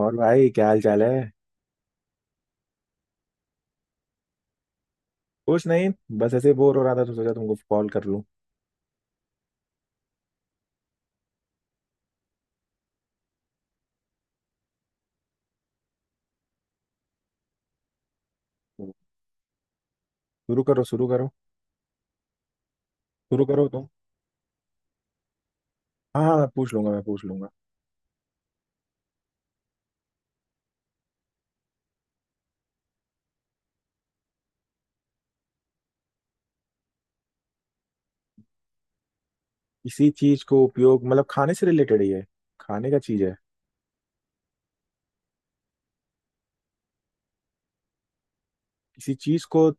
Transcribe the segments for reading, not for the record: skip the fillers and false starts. और भाई क्या हाल चाल है। कुछ नहीं। बस ऐसे बोर हो रहा था तो सोचा तुमको कॉल कर लूं। शुरू करो शुरू करो। शुरू करो तुम। हाँ हाँ मैं पूछ लूंगा मैं पूछ लूंगा। किसी चीज को उपयोग मतलब खाने से रिलेटेड ही है। खाने का चीज है। किसी चीज को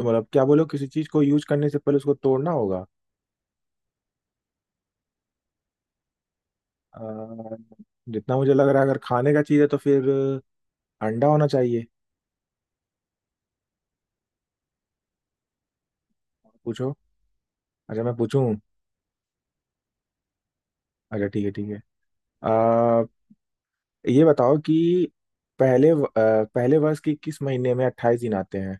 मतलब क्या बोलो किसी चीज को यूज करने से पहले उसको तोड़ना होगा। अ, जितना मुझे लग रहा है अगर खाने का चीज है तो फिर अंडा होना चाहिए। पूछो। अच्छा मैं पूछूं। अच्छा ठीक है ठीक है। अ, ये बताओ कि पहले वर्ष के किस महीने में 28 दिन आते हैं।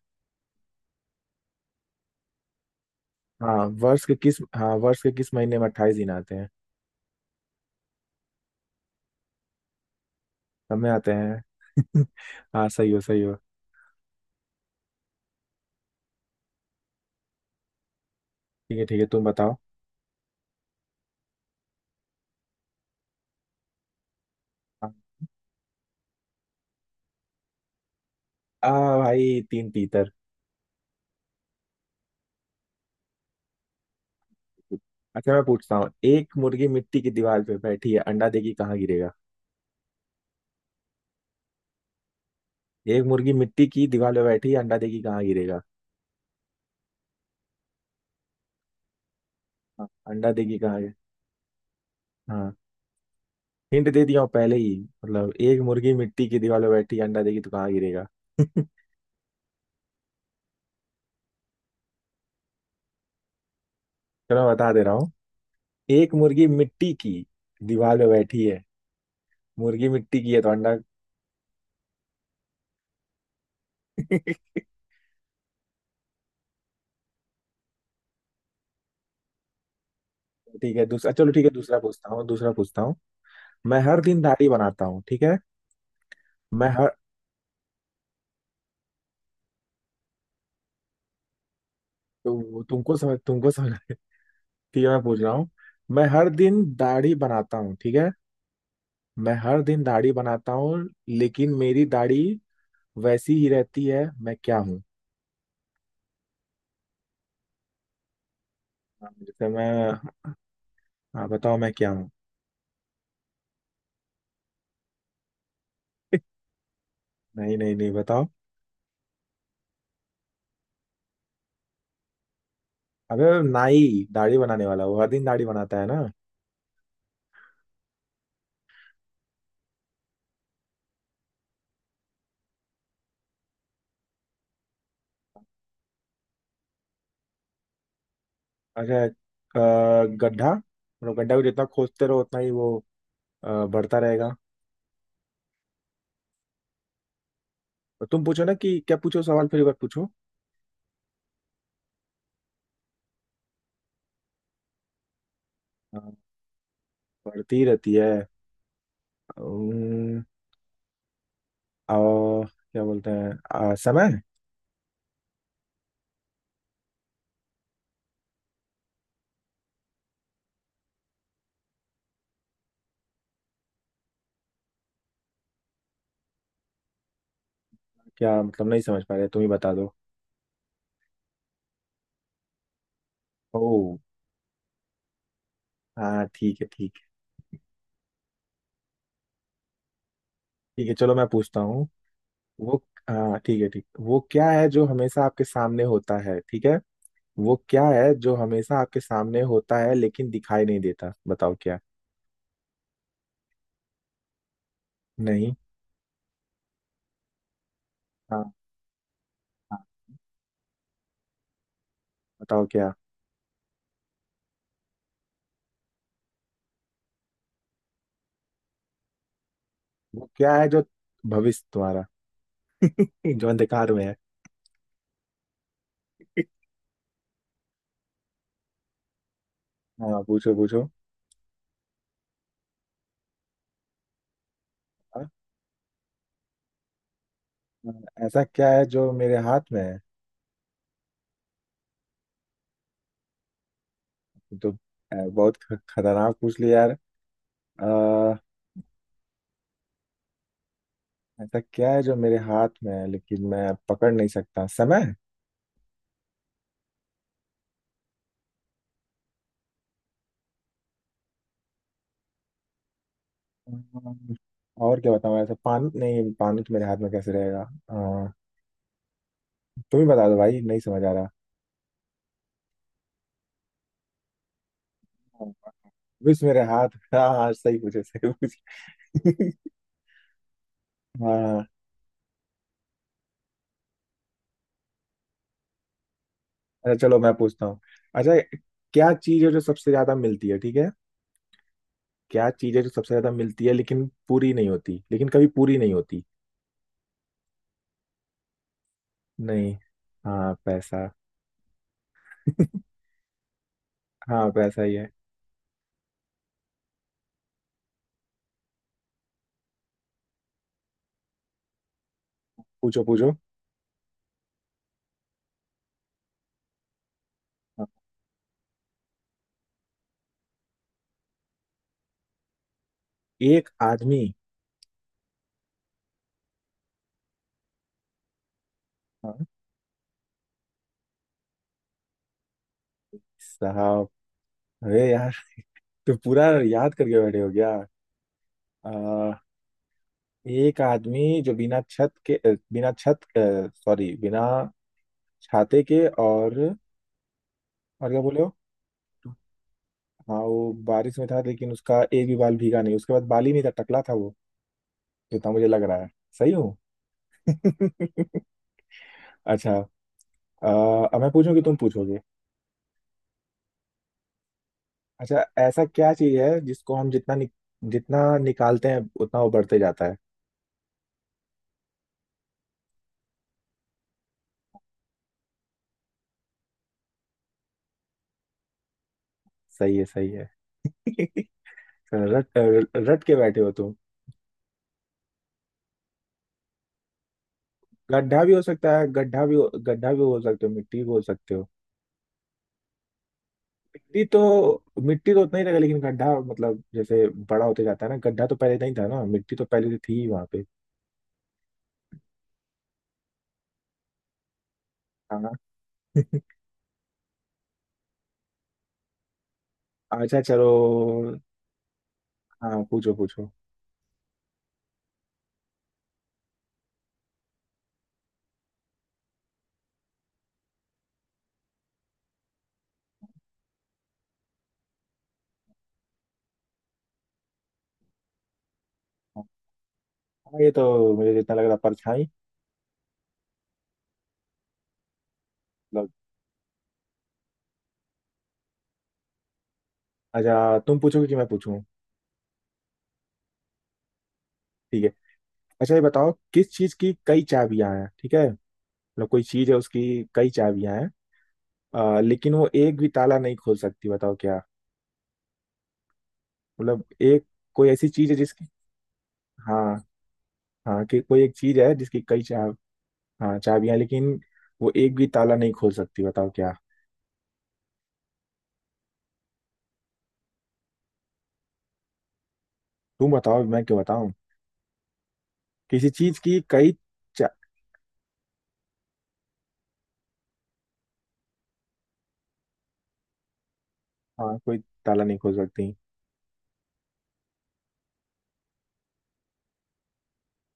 हाँ वर्ष के किस महीने में अट्ठाईस दिन आते हैं। सब में आते हैं। हाँ सही हो सही हो। ठीक है तुम बताओ। आ भाई तीन तीतर। अच्छा मैं पूछता हूँ एक मुर्गी मिट्टी की दीवार पे बैठी है अंडा देगी कहाँ गिरेगा। एक मुर्गी मिट्टी की दीवार पे बैठी है अंडा देगी कहाँ गिरेगा। हाँ, अंडा देगी कहाँ गिरे। हाँ। हिंट दे दिया हूँ पहले ही। मतलब एक मुर्गी मिट्टी की दीवार पे बैठी है अंडा देगी तो कहाँ गिरेगा चलो। मैं बता दे रहा हूँ। एक मुर्गी मिट्टी की दीवार पे बैठी है। मुर्गी मिट्टी की है तो अंडा। ठीक है दूसरा। चलो ठीक है दूसरा पूछता हूँ दूसरा पूछता हूँ। मैं हर दिन दाढ़ी बनाता हूँ ठीक है। मैं हर तुमको समझ तुमको समझ। ठीक है मैं पूछ रहा हूँ। मैं हर दिन दाढ़ी बनाता हूँ ठीक है। मैं हर दिन दाढ़ी बनाता हूँ लेकिन मेरी दाढ़ी वैसी ही रहती है मैं क्या हूँ। जैसे मैं। हाँ बताओ मैं क्या हूँ। नहीं नहीं नहीं बताओ। अबे। नाई दाढ़ी बनाने वाला वो हर दिन दाढ़ी बनाता है ना। अच्छा गड्ढा मतलब गड्ढा को जितना खोदते रहो उतना ही वो अ, बढ़ता रहेगा। तुम पूछो ना कि क्या पूछो सवाल फिर एक बार पूछो। अ, बढ़ती रहती है। अम्म, अ, क्या बोलते हैं। समय। क्या मतलब नहीं समझ पा रहे तुम ही बता दो। ओ। हाँ ठीक है ठीक है। ठीक है चलो मैं पूछता हूँ। वो। हाँ ठीक है ठीक वो क्या है जो हमेशा आपके सामने होता है ठीक है। वो क्या है जो हमेशा आपके सामने होता है लेकिन दिखाई नहीं देता बताओ क्या। नहीं। हाँ हाँ बताओ क्या। वो क्या है जो भविष्य तुम्हारा जो अंधकार में है। हाँ पूछो पूछो। ऐसा क्या है जो मेरे हाथ में है। ये तो बहुत खतरनाक पूछ लिया यार। अ, ऐसा क्या है जो मेरे हाथ में है लेकिन मैं पकड़ नहीं सकता समय। अम्म, और क्या बताऊँ ऐसा पानी नहीं पानी तो मेरे हाथ में कैसे रहेगा। अ, तुम ही बता दो भाई नहीं समझ आ रहा। विष मेरे हाथ। हाँ हाँ सही पूछे सही पूछे। हाँ। अच्छा चलो मैं पूछता हूँ। अच्छा क्या चीज़ है जो सबसे ज्यादा मिलती है ठीक है। क्या चीज़ है जो सबसे ज्यादा मिलती है लेकिन पूरी नहीं होती लेकिन कभी पूरी नहीं होती। नहीं। हाँ पैसा। हाँ पैसा ही है। पूछो पूछो। हाँ, एक आदमी। हाँ। साहब। अरे यार। तो पूरा याद करके बैठे हो गया। आ, एक आदमी जो बिना छत के बिना छत सॉरी बिना छाते के और। और क्या बोले हो। हाँ वो बारिश में था लेकिन उसका एक भी बाल भीगा नहीं उसके बाद बाल ही नहीं था टकला था वो। जितना मुझे लग रहा है। सही हूँ। अच्छा। अ, अब मैं पूछूं कि तुम पूछोगे। अच्छा ऐसा क्या चीज है जिसको हम जितना निकालते हैं उतना वो बढ़ते जाता है। सही है सही है। रट। रट के बैठे हो तुम। गड्ढा भी हो सकता है गड्ढा भी बोल सकते हो मिट्टी भी बोल सकते हो। मिट्टी तो उतना ही रहेगा लेकिन गड्ढा मतलब जैसे बड़ा होते जाता है ना गड्ढा तो पहले नहीं था ना मिट्टी तो पहले से थी ही वहां पे। हाँ। अच्छा चलो। हाँ पूछो पूछो। हाँ ये तो मुझे जितना लग रहा परछाई। मतलब। अच्छा तुम पूछोगे कि मैं पूछूं। ठीक है। अच्छा ये बताओ किस चीज की कई चाबियां हैं ठीक है। मतलब कोई चीज है उसकी कई चाबियां हैं लेकिन वो एक भी ताला नहीं खोल सकती बताओ क्या। मतलब एक कोई ऐसी चीज है जिसकी। हाँ। हाँ कि कोई एक चीज है जिसकी कई चा। हाँ चाबियां हैं, लेकिन वो एक भी ताला नहीं खोल सकती बताओ क्या। तुम बताओ मैं क्यों बताऊं। किसी चीज की कई चा। हाँ कोई ताला नहीं खोल सकती।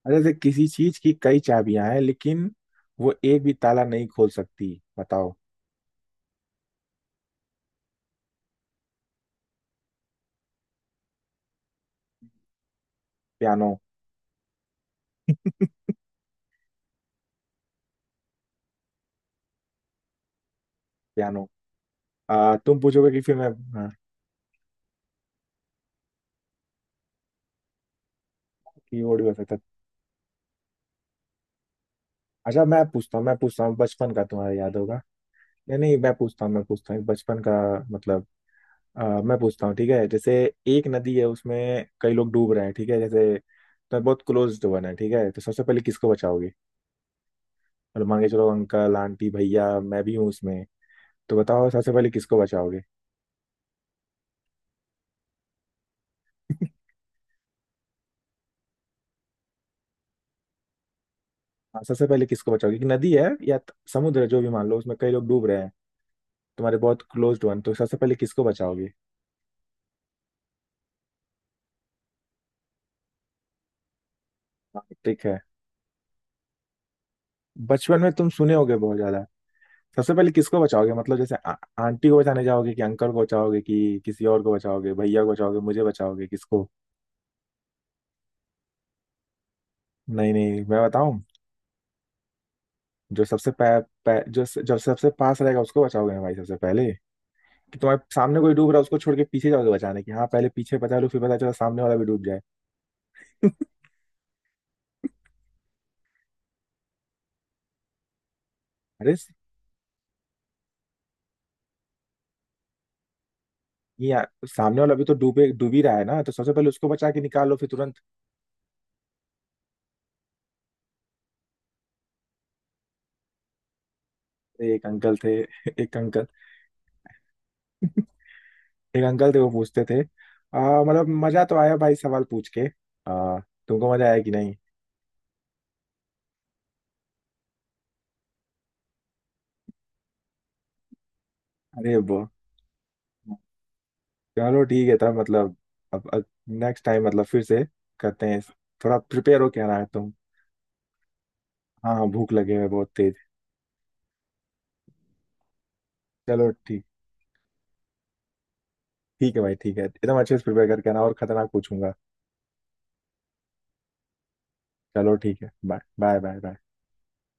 अच्छा जैसे किसी चीज की कई चाबियां हैं लेकिन वो एक भी ताला नहीं खोल सकती बताओ। पियानो। पियानो। तुम पूछोगे कि फिर मैं। हाँ, कीबोर्ड भी हो सकता है। अच्छा मैं पूछता हूँ बचपन का तुम्हारा याद होगा या नहीं मैं पूछता हूँ मैं पूछता हूँ बचपन का मतलब मैं पूछता हूँ ठीक है जैसे। एक नदी है उसमें कई लोग डूब रहे हैं ठीक है जैसे। तो बहुत क्लोज वन है ठीक है तो सबसे पहले किसको बचाओगे। मतलब मान के चलो अंकल आंटी भैया मैं भी हूँ उसमें। तो बताओ सबसे पहले किसको बचाओगे। हाँ, सबसे पहले किसको बचाओगे एक नदी है या समुद्र है, जो भी मान लो उसमें कई लोग डूब रहे हैं। तुम्हारे बहुत क्लोज वन तो सबसे पहले किसको बचाओगे। हाँ, ठीक है बचपन में तुम सुने होगे बहुत ज्यादा। सबसे पहले किसको बचाओगे मतलब जैसे आंटी को बचाने जाओगे कि अंकल को बचाओगे कि किसी और को बचाओगे भैया को बचाओगे मुझे बचाओगे किसको। नहीं नहीं मैं बताऊं। जो सबसे पै, पै, जो स- जो सबसे पास रहेगा उसको बचाओगे ना भाई सबसे पहले। कि तुम्हारे सामने कोई डूब रहा है उसको छोड़ के पीछे जाओगे बचाने की हाँ पहले पीछे बचा लो फिर पता चला सामने वाला भी डूब जाए। अरे ये यार सामने वाला भी तो डूबे डूब ही रहा है ना तो सबसे पहले उसको बचा के निकालो फिर तुरंत। एक अंकल थे एक अंकल। एक अंकल थे वो पूछते थे। मतलब मजा तो आया भाई सवाल पूछ के। आ, तुमको मजा आया कि नहीं। अरे वो। चलो ठीक है तब मतलब। अब नेक्स्ट टाइम मतलब फिर से करते हैं। थोड़ा प्रिपेयर हो क्या रहा है तुम। हाँ हाँ भूख लगे हुए बहुत तेज। चलो ठीक। ठीक है भाई ठीक है एकदम अच्छे से प्रिपेयर करके आना और खतरनाक पूछूंगा। चलो ठीक है बाय बाय बाय बाय।